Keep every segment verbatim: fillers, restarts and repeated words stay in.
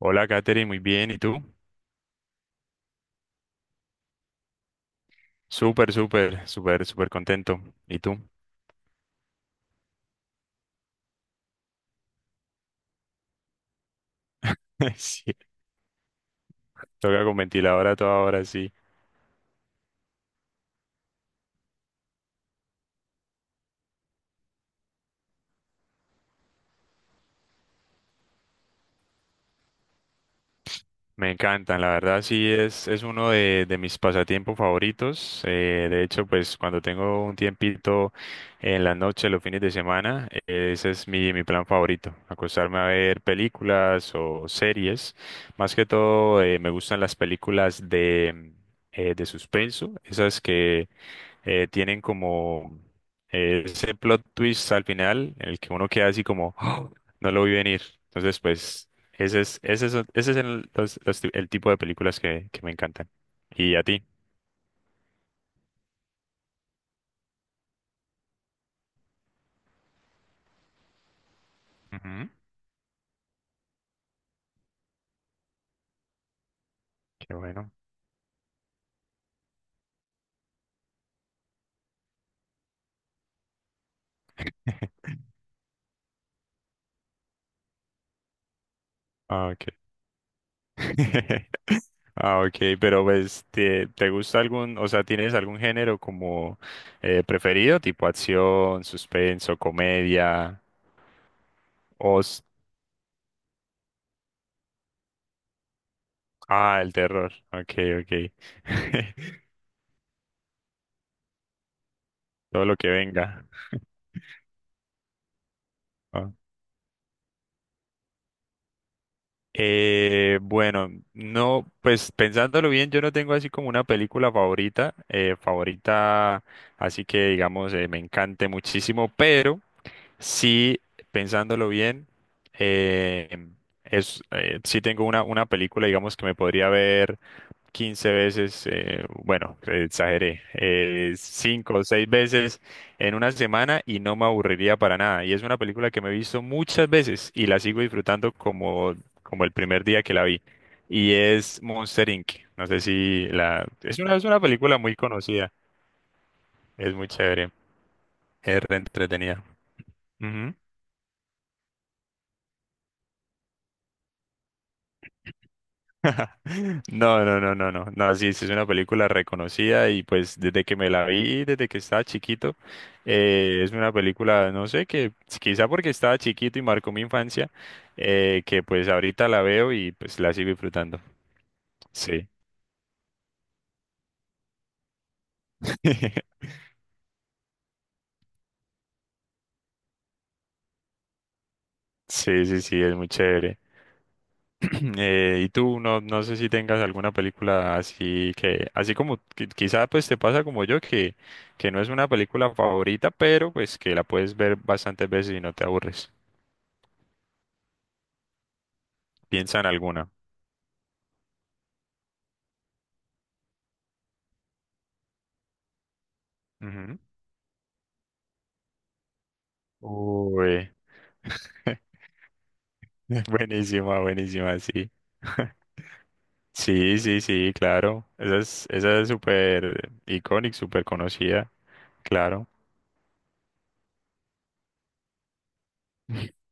Hola, Katherine, muy bien. ¿Y tú? Súper, súper, súper, súper contento. ¿Y tú? Sí, toca con ventilador a toda hora, sí. Me encantan, la verdad, sí, es, es uno de, de mis pasatiempos favoritos. Eh, de hecho, pues cuando tengo un tiempito en la noche, los fines de semana, eh, ese es mi, mi plan favorito. Acostarme a ver películas o series. Más que todo, eh, me gustan las películas de, eh, de suspenso, esas que eh, tienen como eh, ese plot twist al final en el que uno queda así como, "Oh, no lo vi venir." Entonces, pues, ese es, ese es, ese es el, los- los ti- el tipo de películas que, que me encantan. ¿Y a ti? Ujú. Qué bueno. Ah, ok. Ah, ok, pero pues, ¿te, te gusta algún, o sea, tienes algún género como eh, preferido, tipo acción, suspenso, comedia, os... Ah, el terror. Ok, ok. Todo lo que venga. ¿No? Eh, bueno, no, pues pensándolo bien, yo no tengo así como una película favorita, eh, favorita, así que digamos, eh, me encante muchísimo, pero sí, pensándolo bien, eh, es, eh, sí tengo una, una película, digamos, que me podría ver. Quince veces, eh, bueno, exageré, eh, cinco o seis veces en una semana y no me aburriría para nada. Y es una película que me he visto muchas veces y la sigo disfrutando como, como el primer día que la vi. Y es Monster inc. No sé si la... Es una, es una película muy conocida, es muy chévere, es re entretenida. No, no, no, no, no. No, sí, sí es una película reconocida y pues desde que me la vi, desde que estaba chiquito, eh, es una película, no sé, que quizá porque estaba chiquito y marcó mi infancia, eh, que pues ahorita la veo y pues la sigo disfrutando. Sí. Sí, sí, sí, es muy chévere. Eh, y tú, no, no sé si tengas alguna película así que, así como qui- quizá pues te pasa como yo, que, que no es una película favorita, pero pues que la puedes ver bastantes veces y no te aburres. Piensa en alguna. Ujú. Uy, buenísima, buenísima, sí. Sí, sí, sí, claro. Esa es, esa es súper icónica, súper conocida, claro.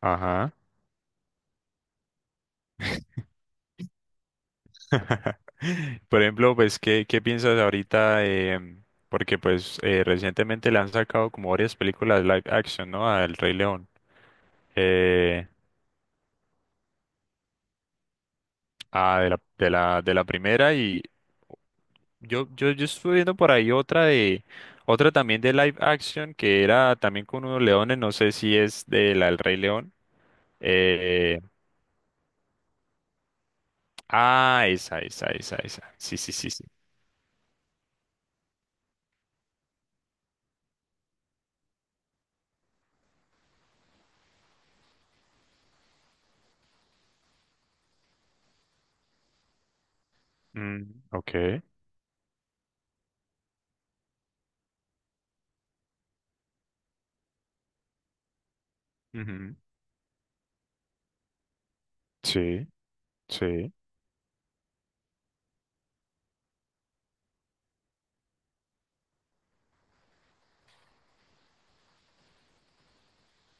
Ajá. Por ejemplo, pues, ¿qué, qué piensas ahorita? em, porque pues eh, recientemente le han sacado como varias películas live action, ¿no? Al Rey León. Eh, ah, de la, de la, de la primera y yo, yo, yo estuve viendo por ahí otra de, otra también de live action que era también con unos leones, no sé si es de la del Rey León. Eh, ah, esa, esa, esa, esa. Sí, sí, sí, sí. Mm, ok. Ujú. Sí, sí,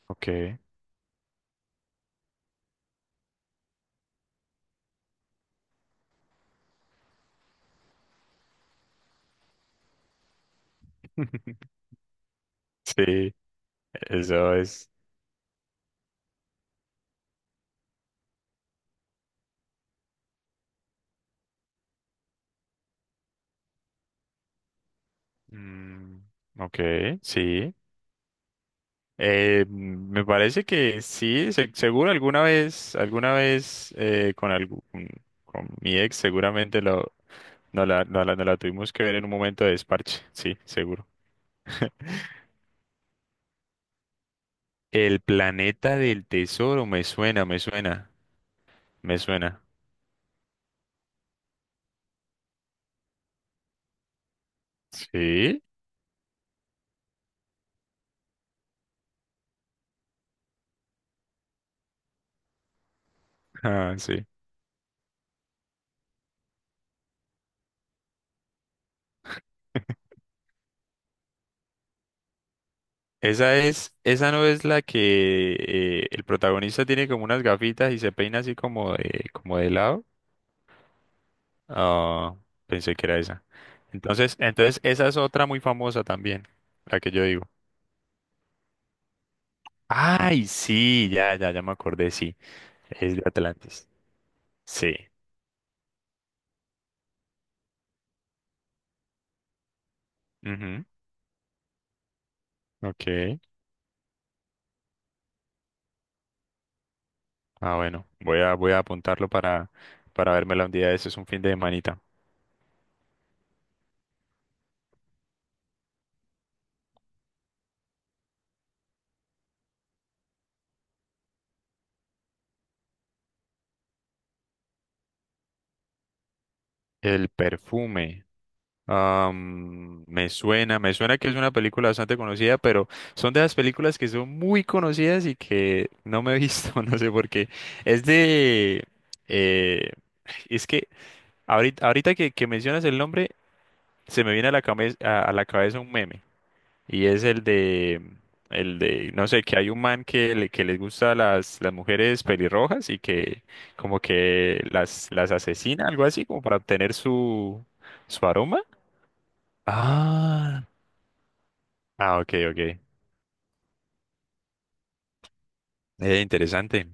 ok. Sí, eso es. mm, ok, sí. Eh, mm, me parece que sí, se- seguro alguna vez, alguna vez eh, con, algu- con, con mi ex seguramente lo, no la, no la, no la tuvimos que ver en un momento de desparche, sí, seguro. El planeta del tesoro, me suena, me suena, me suena. Sí, ah, sí. Esa es, esa no es la que eh, el protagonista tiene como unas gafitas y se peina así como de, como de lado. Ah, pensé que era esa. Entonces, entonces esa es otra muy famosa también, la que yo digo. Ay, sí, ya, ya, ya me acordé, sí. Es de Atlantis. Sí. Ujú. Ok. Ah, bueno, voy a, voy a apuntarlo para, para vérmela un día. Ese es un fin de manita. El perfume. Am, me suena, me suena que es una película bastante conocida, pero son de las películas que son muy conocidas y que no me he visto, no sé por qué. Es de... eh, es que ahorita, ahorita que, que mencionas el nombre, se me viene a la cabeza, a, a la cabeza un meme. Y es el de... El de, no sé, que hay un man que, le, que les gusta las, las mujeres pelirrojas y que como que las, las asesina, algo así, como para obtener su, su aroma. Ah, Ah, ok, ok. Eh, interesante.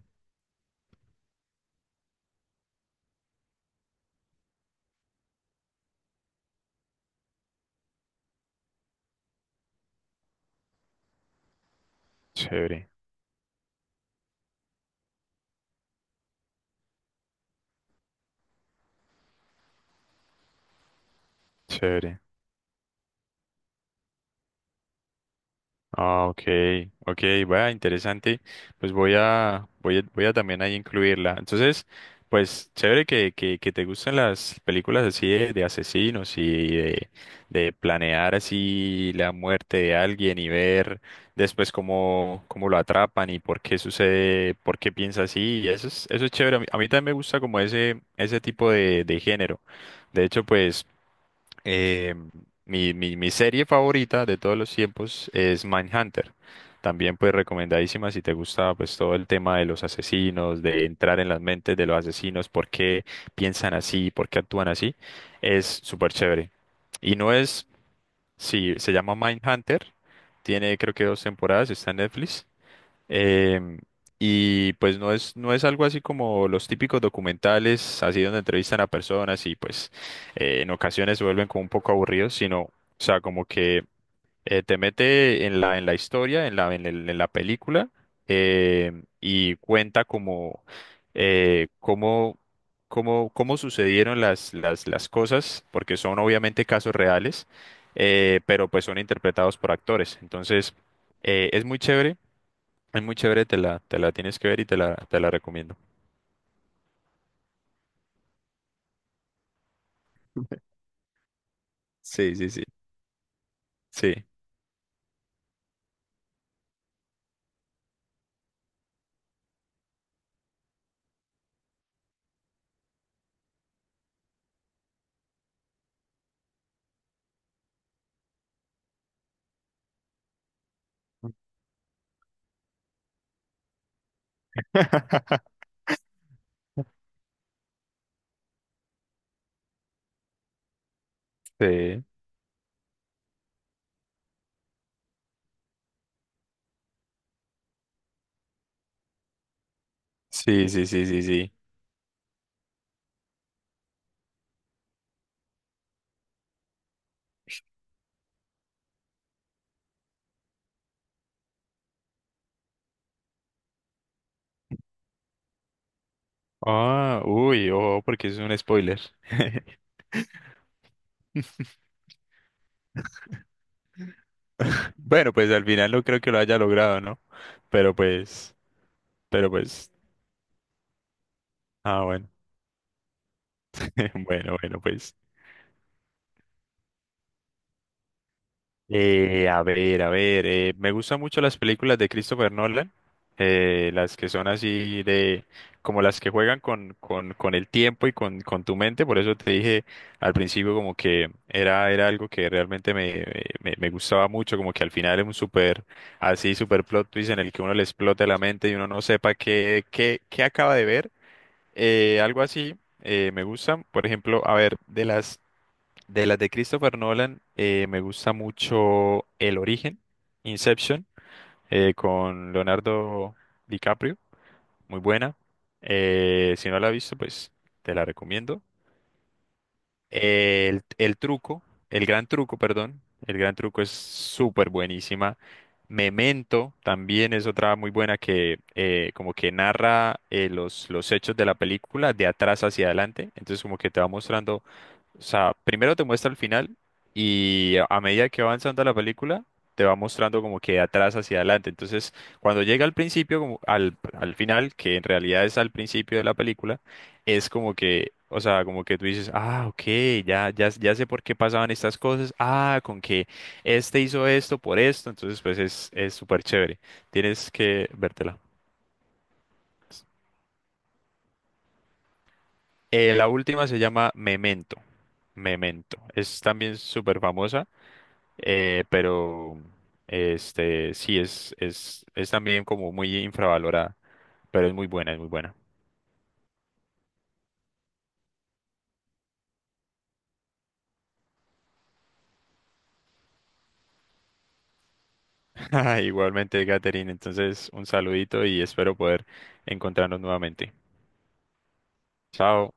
Chévere, chévere. Ah, ok, ok, vaya, interesante. Pues voy a, voy a, voy a también ahí incluirla. Entonces, pues chévere que, que, que te gusten las películas así de, de asesinos y de, de planear así la muerte de alguien y ver después cómo, cómo lo atrapan y por qué sucede, por qué piensa así. Y eso es, eso es chévere. A mí, a mí también me gusta como ese, ese tipo de, de género. De hecho, pues. Eh, mi, mi, mi serie favorita de todos los tiempos es Mindhunter. También pues recomendadísima si te gusta pues todo el tema de los asesinos, de entrar en las mentes de los asesinos, por qué piensan así, por qué actúan así, es súper chévere. Y no es, sí, se llama Mindhunter, tiene creo que dos temporadas, está en Netflix. Em, y pues no es, no es algo así como los típicos documentales, así donde entrevistan a personas y pues eh, en ocasiones se vuelven como un poco aburridos, sino, o sea, como que eh, te mete en la, en la historia, en la, en el- en la película, em, y cuenta como eh, cómo, cómo, cómo sucedieron las, las, las cosas, porque son obviamente casos reales, eh, pero pues son interpretados por actores. Entonces, eh, es muy chévere es muy chévere, te la, te la tienes que ver y te la, te la recomiendo. Sí, sí, sí. Sí. Sí. Sí, sí, sí, sí, sí. Ah, uy, oh, porque es un spoiler. Bueno, pues al final no creo que lo haya logrado, ¿no? Pero pues, pero pues, ah, bueno. Bueno, bueno, pues. Eh, a ver, a ver, eh, me gustan mucho las películas de Christopher Nolan, eh, las que son así de, como las que juegan con, con, con el tiempo y con, con tu mente, por eso te dije al principio como que era, era algo que realmente me, me, me gustaba mucho, como que al final es un súper, así súper plot twist en el que uno le explota la mente y uno no sepa qué, qué, qué acaba de ver, eh, algo así, eh, me gustan, por ejemplo, a ver, de las de las de Christopher Nolan, eh, me gusta mucho El Origen, Inception, eh, con Leonardo DiCaprio, muy buena. Eh, si no la has visto, pues te la recomiendo. El, el truco, el gran truco, perdón, el gran truco es súper buenísima. Memento también es otra muy buena que eh, como que narra eh, los, los hechos de la película de atrás hacia adelante, entonces como que te va mostrando o sea, primero te muestra el final y a medida que va avanzando la película, te va mostrando como que de atrás hacia adelante. Entonces, cuando llega al principio, como al, al final, que en realidad es al principio de la película, es como que, o sea, como que tú dices, ah, ok, ya, ya, ya sé por qué pasaban estas cosas, ah, con que este hizo esto por esto, entonces pues es, es súper chévere. Tienes que vértela. Eh, la última se llama Memento. Memento. Es también súper famosa. eh, pero este sí es, es, es también como muy infravalorada, pero es muy buena, es muy buena. Igualmente, Catherine, entonces un saludito y espero poder encontrarnos nuevamente. Chao.